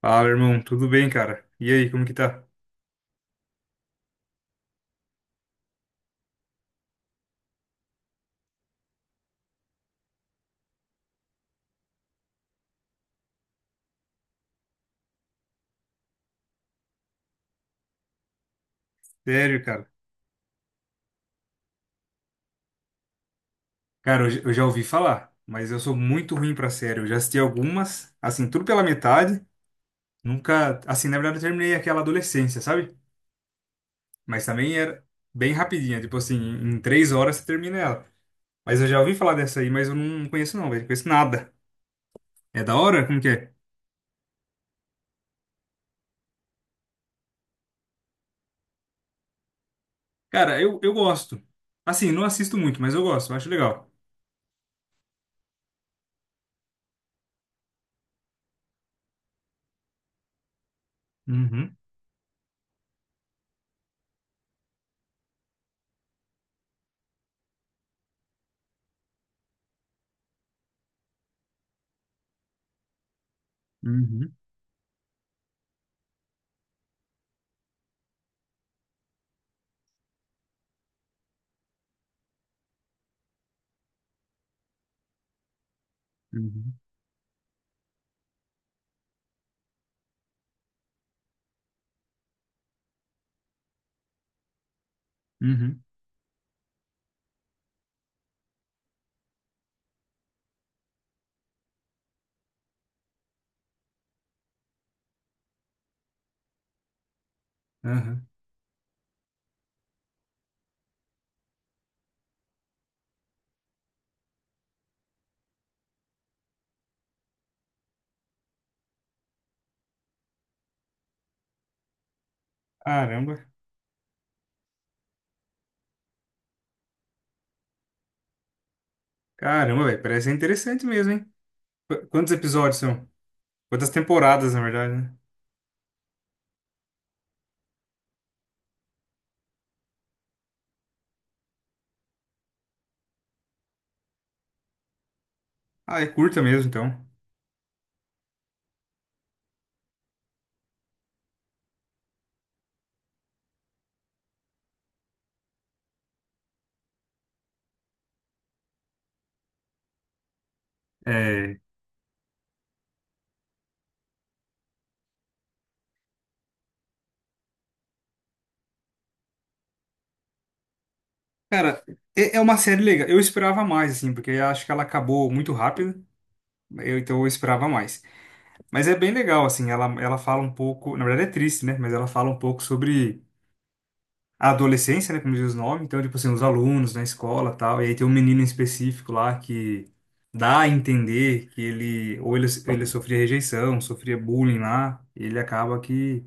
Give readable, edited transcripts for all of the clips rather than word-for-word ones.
Fala, irmão, tudo bem, cara? E aí, como que tá? Sério, cara? Cara, eu já ouvi falar, mas eu sou muito ruim pra série. Eu já assisti algumas, assim, tudo pela metade. Nunca, assim, na verdade, eu terminei aquela adolescência, sabe? Mas também era bem rapidinha, tipo assim, em 3 horas você termina ela. Mas eu já ouvi falar dessa aí, mas eu não conheço não, velho, conheço nada. É da hora? Como que é? Cara, eu gosto. Assim, não assisto muito, mas eu gosto, eu acho legal. Uhum, uhum, uhum, uhum, uhum. Caramba. Caramba, velho, parece interessante mesmo, hein? Quantos episódios são? Quantas temporadas, na verdade, né? Ah, é curta mesmo, então. É... Cara, é uma série legal. Eu esperava mais, assim, porque eu acho que ela acabou muito rápido. Então eu esperava mais. Mas é bem legal, assim, ela fala um pouco. Na verdade é triste, né? Mas ela fala um pouco sobre a adolescência, né, como diz o nome. Então, tipo assim, os alunos na escola tal, e aí tem um menino em específico lá que dá a entender que ele, ele sofria rejeição, sofria bullying lá, e ele acaba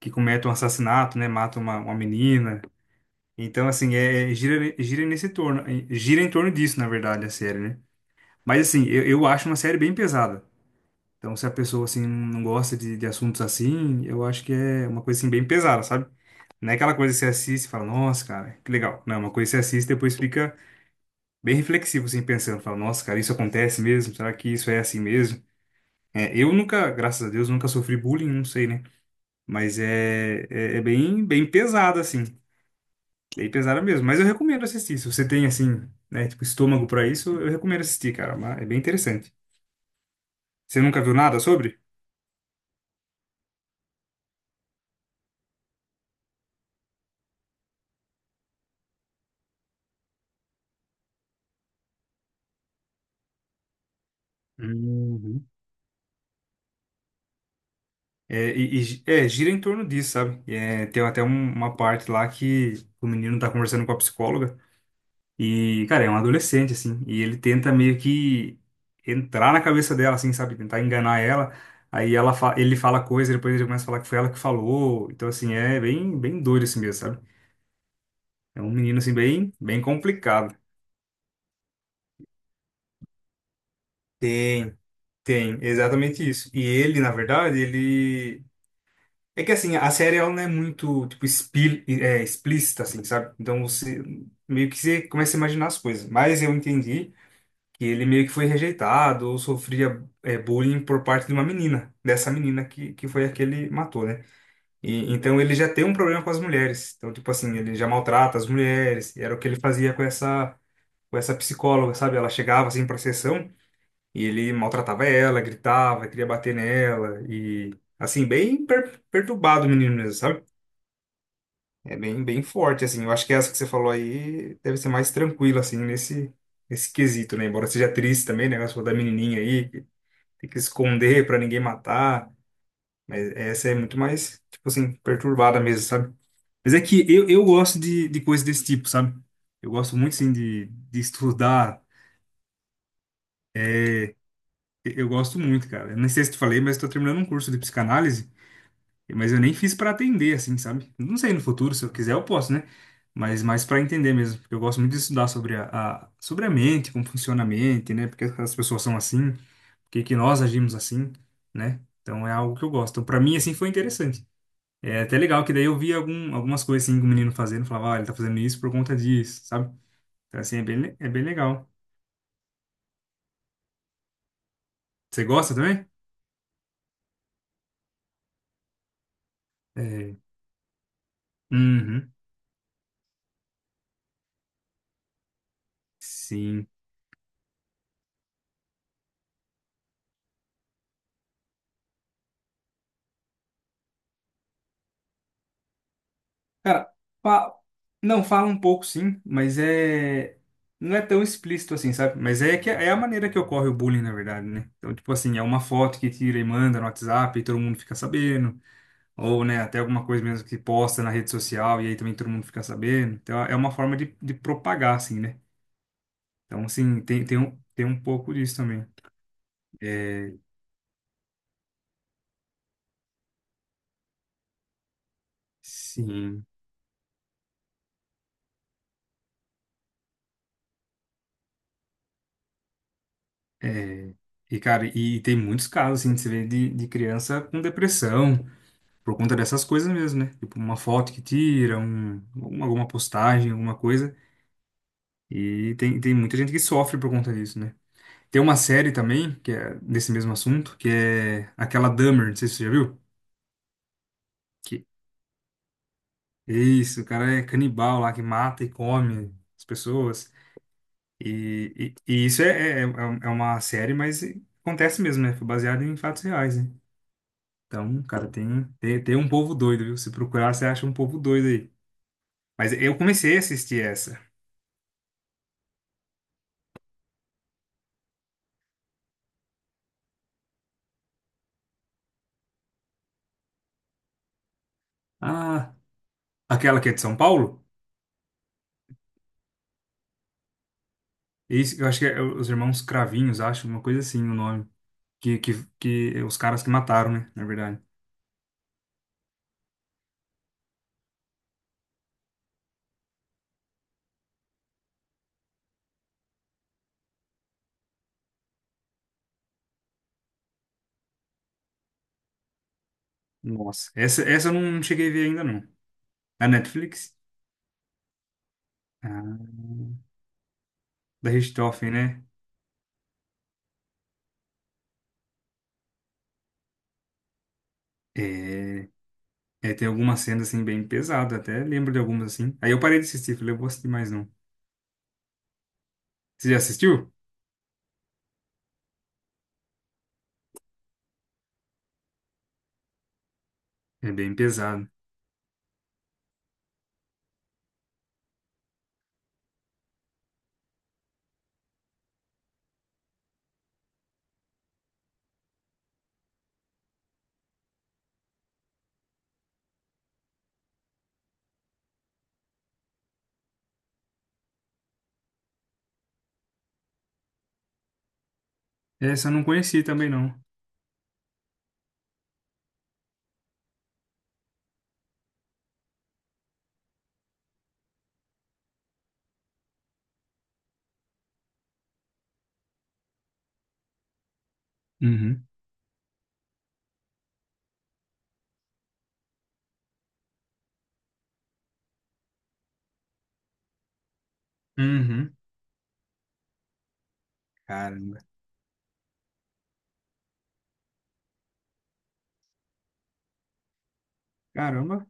que comete um assassinato, né, mata uma menina. Então, assim, é, é, gira em torno disso, na verdade, a série, né. Mas, assim, eu acho uma série bem pesada. Então, se a pessoa, assim, não gosta de assuntos assim, eu acho que é uma coisa, assim, bem pesada, sabe? Não é aquela coisa que você assiste e fala, nossa, cara, que legal. Não, é uma coisa que você assiste e depois fica bem reflexivo, assim, pensando. Fala, nossa, cara, isso acontece mesmo? Será que isso é assim mesmo? É, eu nunca, graças a Deus, nunca sofri bullying, não sei, né? Mas é, é, é bem, bem pesado, assim. Bem pesada mesmo. Mas eu recomendo assistir. Se você tem, assim, né, tipo, estômago pra isso, eu recomendo assistir, cara. Mas é bem interessante. Você nunca viu nada sobre? Uhum. É, e gira em torno disso, sabe? E é, tem até uma parte lá que o menino tá conversando com a psicóloga. E, cara, é um adolescente, assim, e ele tenta meio que entrar na cabeça dela, assim, sabe? Tentar enganar ela. Aí ele fala coisa, depois ele começa a falar que foi ela que falou. Então, assim, é bem, bem doido assim mesmo, sabe? É um menino, assim, bem, bem complicado. Tem, tem, exatamente isso. E ele, na verdade, ele. É que, assim, a série ela não é muito, tipo, explícita, assim, sabe? Então, você meio que você começa a imaginar as coisas. Mas eu entendi que ele meio que foi rejeitado ou sofria bullying por parte de uma menina, dessa menina que foi a que ele matou, né? E então ele já tem um problema com as mulheres. Então, tipo assim, ele já maltrata as mulheres, e era o que ele fazia com essa psicóloga, sabe? Ela chegava assim pra sessão e ele maltratava ela, gritava, queria bater nela, e assim, bem perturbado o menino mesmo, sabe? É bem, bem forte, assim. Eu acho que essa que você falou aí deve ser mais tranquila, assim, nesse, nesse quesito, né? Embora seja triste também, né? O negócio da menininha aí tem que esconder pra ninguém matar. Mas essa é muito mais, tipo assim, perturbada mesmo, sabe? Mas é que eu gosto de coisas desse tipo, sabe? Eu gosto muito, assim, de estudar. Eu gosto muito, cara. Eu não sei se te falei, mas tô terminando um curso de psicanálise, mas eu nem fiz pra atender, assim, sabe? Não sei, no futuro, se eu quiser, eu posso, né? Mas mais para entender mesmo, porque eu gosto muito de estudar sobre a, sobre a mente, como funciona a mente, né? Porque as pessoas são assim, porque que nós agimos assim, né? Então é algo que eu gosto. Então, para mim assim foi interessante. É até legal que daí eu vi algumas coisas assim que o menino fazendo, falava, ó, ele tá fazendo isso por conta disso, sabe? Então assim, é bem, é bem legal. Você gosta também? É. Uhum. Sim. Cara, fa- não fala um pouco sim, mas é não é tão explícito assim, sabe? Mas é que é a maneira que ocorre o bullying, na verdade, né? Então, tipo assim, é uma foto que tira e manda no WhatsApp e todo mundo fica sabendo, ou, né, até alguma coisa mesmo que posta na rede social e aí também todo mundo fica sabendo. Então, é uma forma de propagar assim, né? Então, assim, tem, tem um pouco disso também. É, sim. É, e, cara, e tem muitos casos, assim, que você vê de criança com depressão, por conta dessas coisas mesmo, né? Tipo, uma foto que tira, um, alguma postagem, alguma coisa. E tem, tem muita gente que sofre por conta disso, né? Tem uma série também, que é desse mesmo assunto, que é aquela Dahmer, não sei se você já viu. Que, isso, o cara é canibal lá, que mata e come as pessoas. E, e isso é, é é uma série, mas acontece mesmo, né? Foi baseado em fatos reais, né? Então, cara, tem, tem um povo doido, viu? Se procurar, você acha um povo doido aí. Mas eu comecei a assistir essa. Ah, aquela que é de São Paulo? Isso, eu acho que é os Irmãos Cravinhos, acho, uma coisa assim o nome. Que, que, que é os caras que mataram, né? Na verdade. Nossa, essa eu não cheguei a ver ainda, não. Na Netflix? Ah, da Richthofen, né? É. É, tem algumas cenas assim bem pesadas, até lembro de algumas assim. Aí eu parei de assistir, falei, eu vou assistir mais não. Você já assistiu? É bem pesado. Essa eu não conheci também não. Uhum. Uhum. Cara, caramba.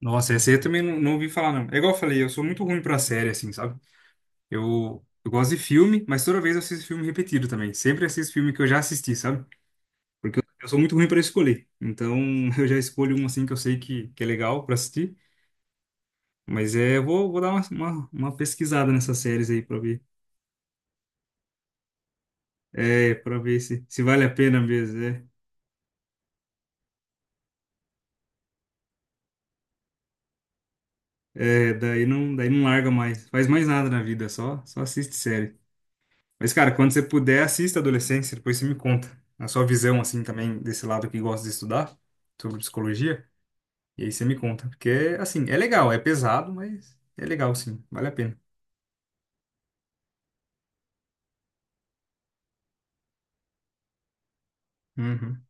Nossa, essa aí eu também não, não ouvi falar não. É igual eu falei, eu sou muito ruim pra série assim, sabe? Eu gosto de filme, mas toda vez eu assisto filme repetido também. Sempre assisto filme que eu já assisti, sabe? Porque eu sou muito ruim pra escolher. Então eu já escolho um assim que eu sei que é legal pra assistir. Mas é, eu vou dar uma pesquisada nessas séries aí pra ver. É, para ver se, se vale a pena mesmo, é. É, daí não larga mais. Faz mais nada na vida, só, só assiste série. Mas, cara, quando você puder, assista Adolescência, depois você me conta. A sua visão, assim, também, desse lado que gosta de estudar, sobre psicologia. E aí você me conta. Porque, assim, é legal, é pesado, mas é legal, sim. Vale a pena. Uhum.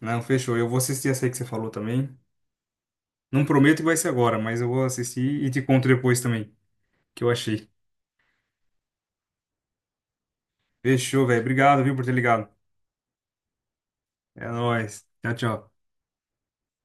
Não, fechou. Eu vou assistir essa aí que você falou também. Não prometo que vai ser agora, mas eu vou assistir e te conto depois também, o que eu achei. Fechou, velho. Obrigado, viu, por ter ligado. É nóis. Tchau, tchau.